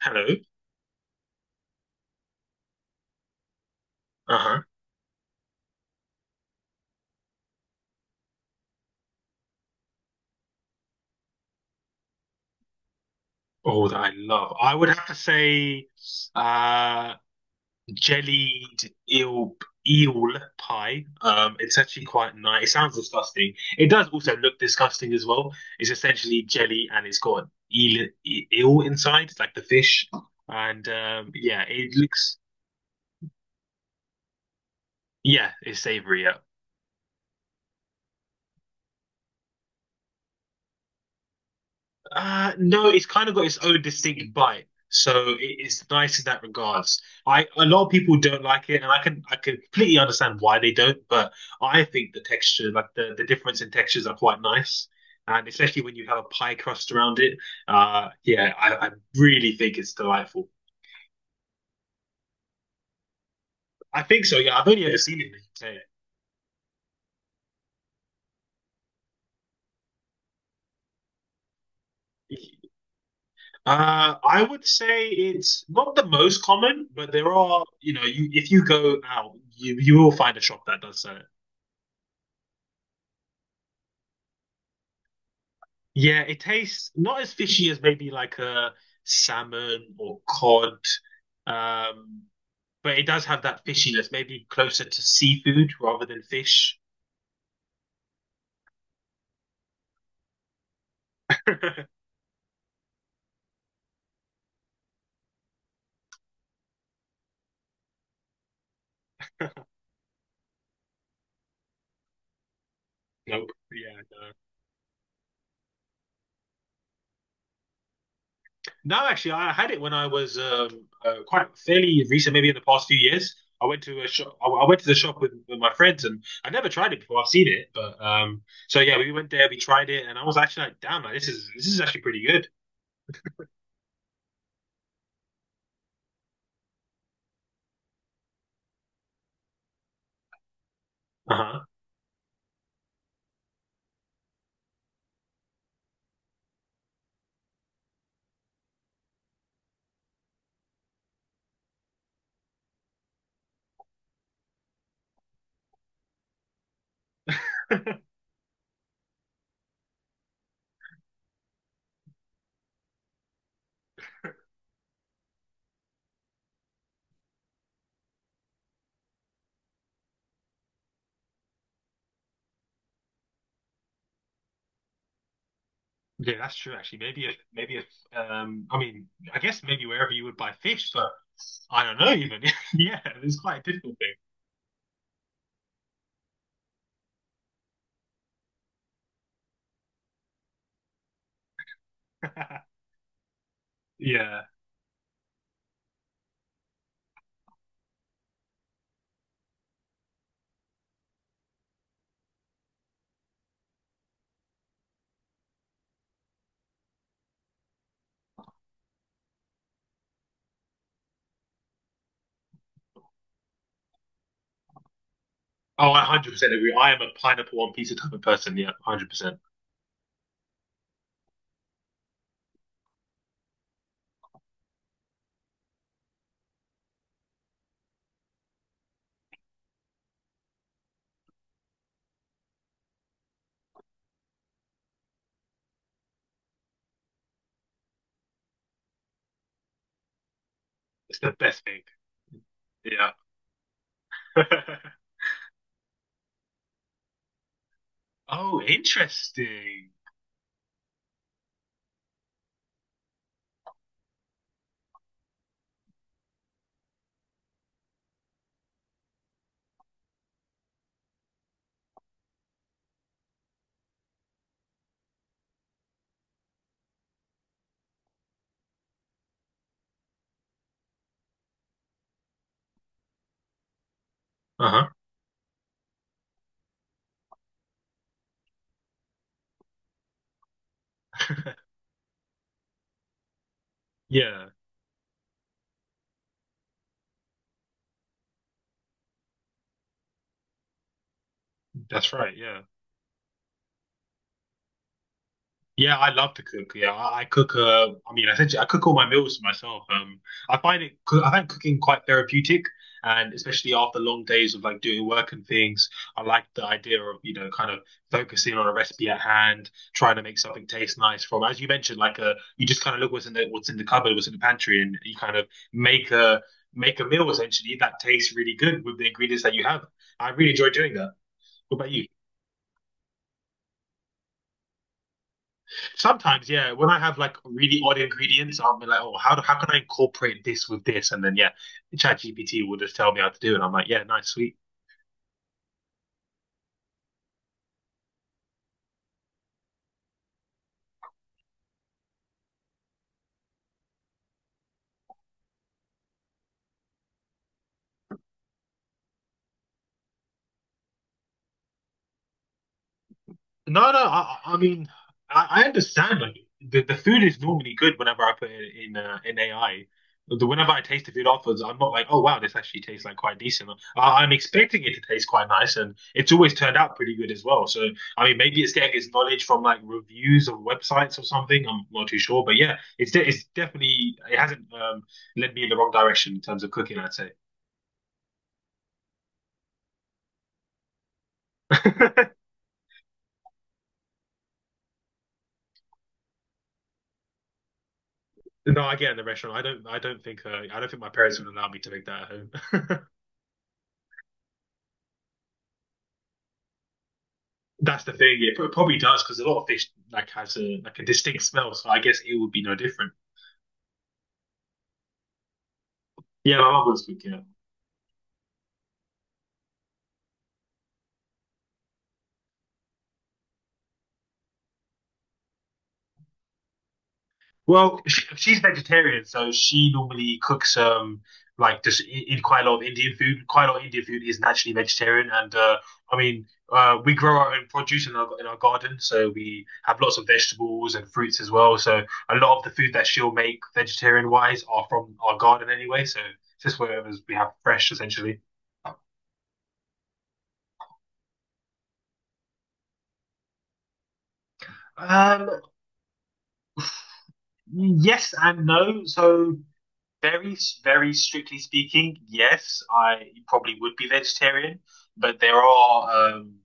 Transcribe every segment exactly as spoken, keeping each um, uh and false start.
Hello. Uh-huh. Oh, that I love. I would have to say uh jellied eel eel pie. Um it's actually quite nice. It sounds disgusting. It does also look disgusting as well. It's essentially jelly, and it's got eel e- eel inside, like the fish. And um yeah, it looks yeah, it's savory. Yeah. Uh, no, it's kind of got its own distinct bite, so it's nice in that regards. I A lot of people don't like it, and I can I can completely understand why they don't. But I think the texture, like the the difference in textures, are quite nice, and especially when you have a pie crust around it. Uh, yeah, I, I really think it's delightful. I think so. Yeah, I've only ever seen it in the U K. Uh, I would say it's not the most common, but there are, you know, you if you go out, you you will find a shop that does so. Yeah, it tastes not as fishy as maybe like a salmon or cod, um, but it does have that fishiness, maybe closer to seafood rather than fish. Nope. Yeah, no. No, actually, I had it when I was um, uh, quite fairly recent, maybe in the past few years. I went to a shop. I, I went to the shop with, with my friends, and I never tried it before. I've seen it, but um, so yeah, we went there, we tried it, and I was actually like, "Damn, like, this is this is actually pretty good." Uh-huh. Yeah, that's true. Actually, maybe if maybe if um, I mean, I guess maybe wherever you would buy fish, but I don't know even. Yeah, it's quite a difficult thing. Yeah. Oh, I one hundred percent agree. I am a pineapple one pizza type of person. Yeah, one hundred percent. It's the best thing. Yeah. Oh, interesting. Uh-huh. Yeah, that's right. Yeah. Yeah, I love to cook. Yeah, I, I cook. Uh, I mean, essentially, I cook all my meals myself. Um, I find it. coo- I find cooking quite therapeutic, and especially after long days of like doing work and things, I like the idea of, you know, kind of focusing on a recipe at hand, trying to make something taste nice from. As you mentioned, like uh, you just kind of look what's in the what's in the cupboard, what's in the pantry, and you kind of make a make a meal essentially that tastes really good with the ingredients that you have. I really enjoy doing that. What about you? Sometimes, yeah, when I have like really odd ingredients, I'll be like, oh, how do, how can I incorporate this with this? And then yeah, ChatGPT will just tell me how to do it. And I'm like, yeah, nice, sweet. No, no. I, I mean, I, I understand. Like the, the food is normally good whenever I put it in uh, in A I. The, whenever I taste the food afterwards, I'm not like, oh wow, this actually tastes like quite decent. I, I'm expecting it to taste quite nice, and it's always turned out pretty good as well. So I mean, maybe it's getting its knowledge from like reviews of websites or something. I'm not too sure, but yeah, it's de it's definitely it hasn't um, led me in the wrong direction in terms of cooking, I'd say. No, I get in the restaurant. I don't. I don't think. Uh, I don't think my parents would allow me to make that at home. That's the thing. It probably does because a lot of fish like has a like a distinct smell. So I guess it would be no different. Yeah, my mum was cooking it. Well, she, she's vegetarian, so she normally cooks um like just i- in quite a lot of Indian food. Quite a lot of Indian food is naturally vegetarian, and uh, I mean uh, we grow our own produce in our in our garden, so we have lots of vegetables and fruits as well. So a lot of the food that she'll make vegetarian wise are from our garden anyway. So just whatever we have fresh essentially. Um, Yes and no. So very, very strictly speaking, yes, I probably would be vegetarian, but there are um,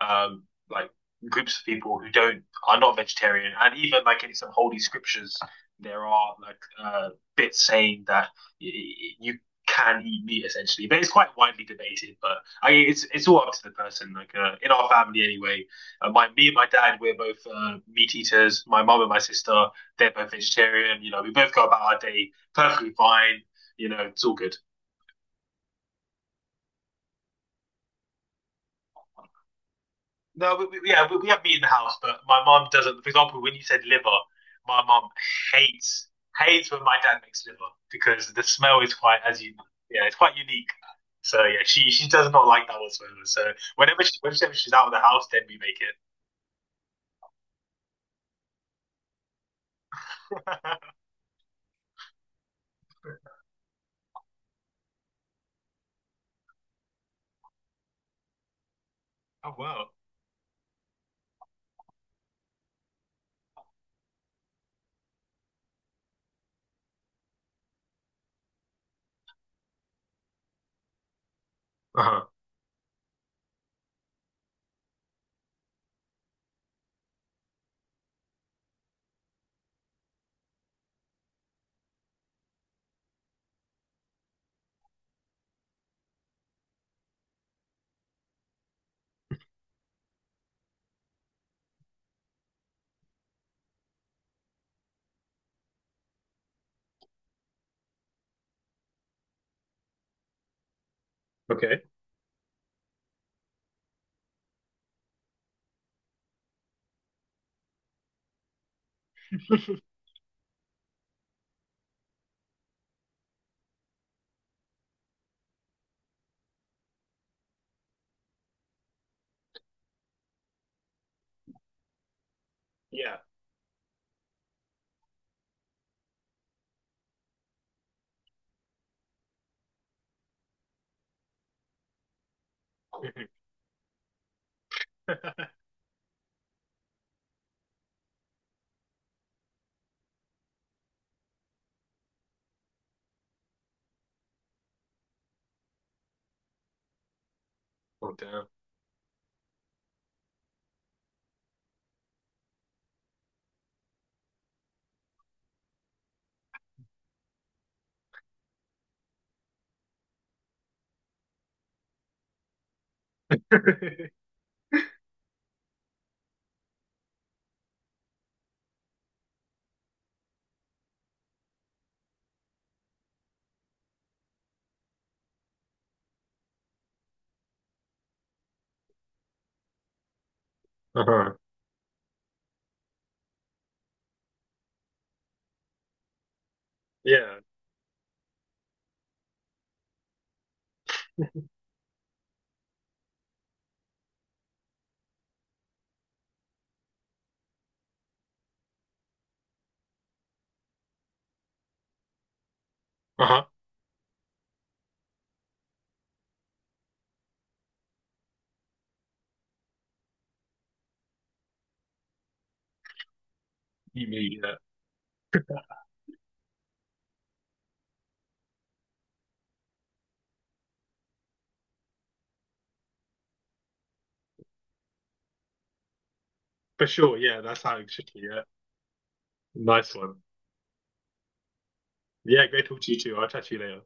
um, like groups of people who don't are not vegetarian, and even like in some holy scriptures, there are like uh, bits saying that you can eat meat essentially, but it's quite widely debated. But I, it's it's all up to the person. Like uh, in our family anyway, uh, my me and my dad we're both uh, meat eaters. My mum and my sister they're both vegetarian. You know, we both go about our day perfectly fine. You know, it's all good. No, we, we- yeah, we, we have meat in the house, but my mum doesn't. For example, when you said liver, my mum hates hates when my dad makes liver because the smell is quite as you yeah, it's quite unique. So yeah, she she does not like that whatsoever. So whenever she, whenever she's out of the house, then we make it. Oh wow. Uh huh. Okay. Yeah. Oh damn. Uh huh. Yeah. Uh huh. You mean yeah. For sure. Yeah, that's how it should be. Yeah. Nice one. Yeah, great talk to you too. I'll chat to you later.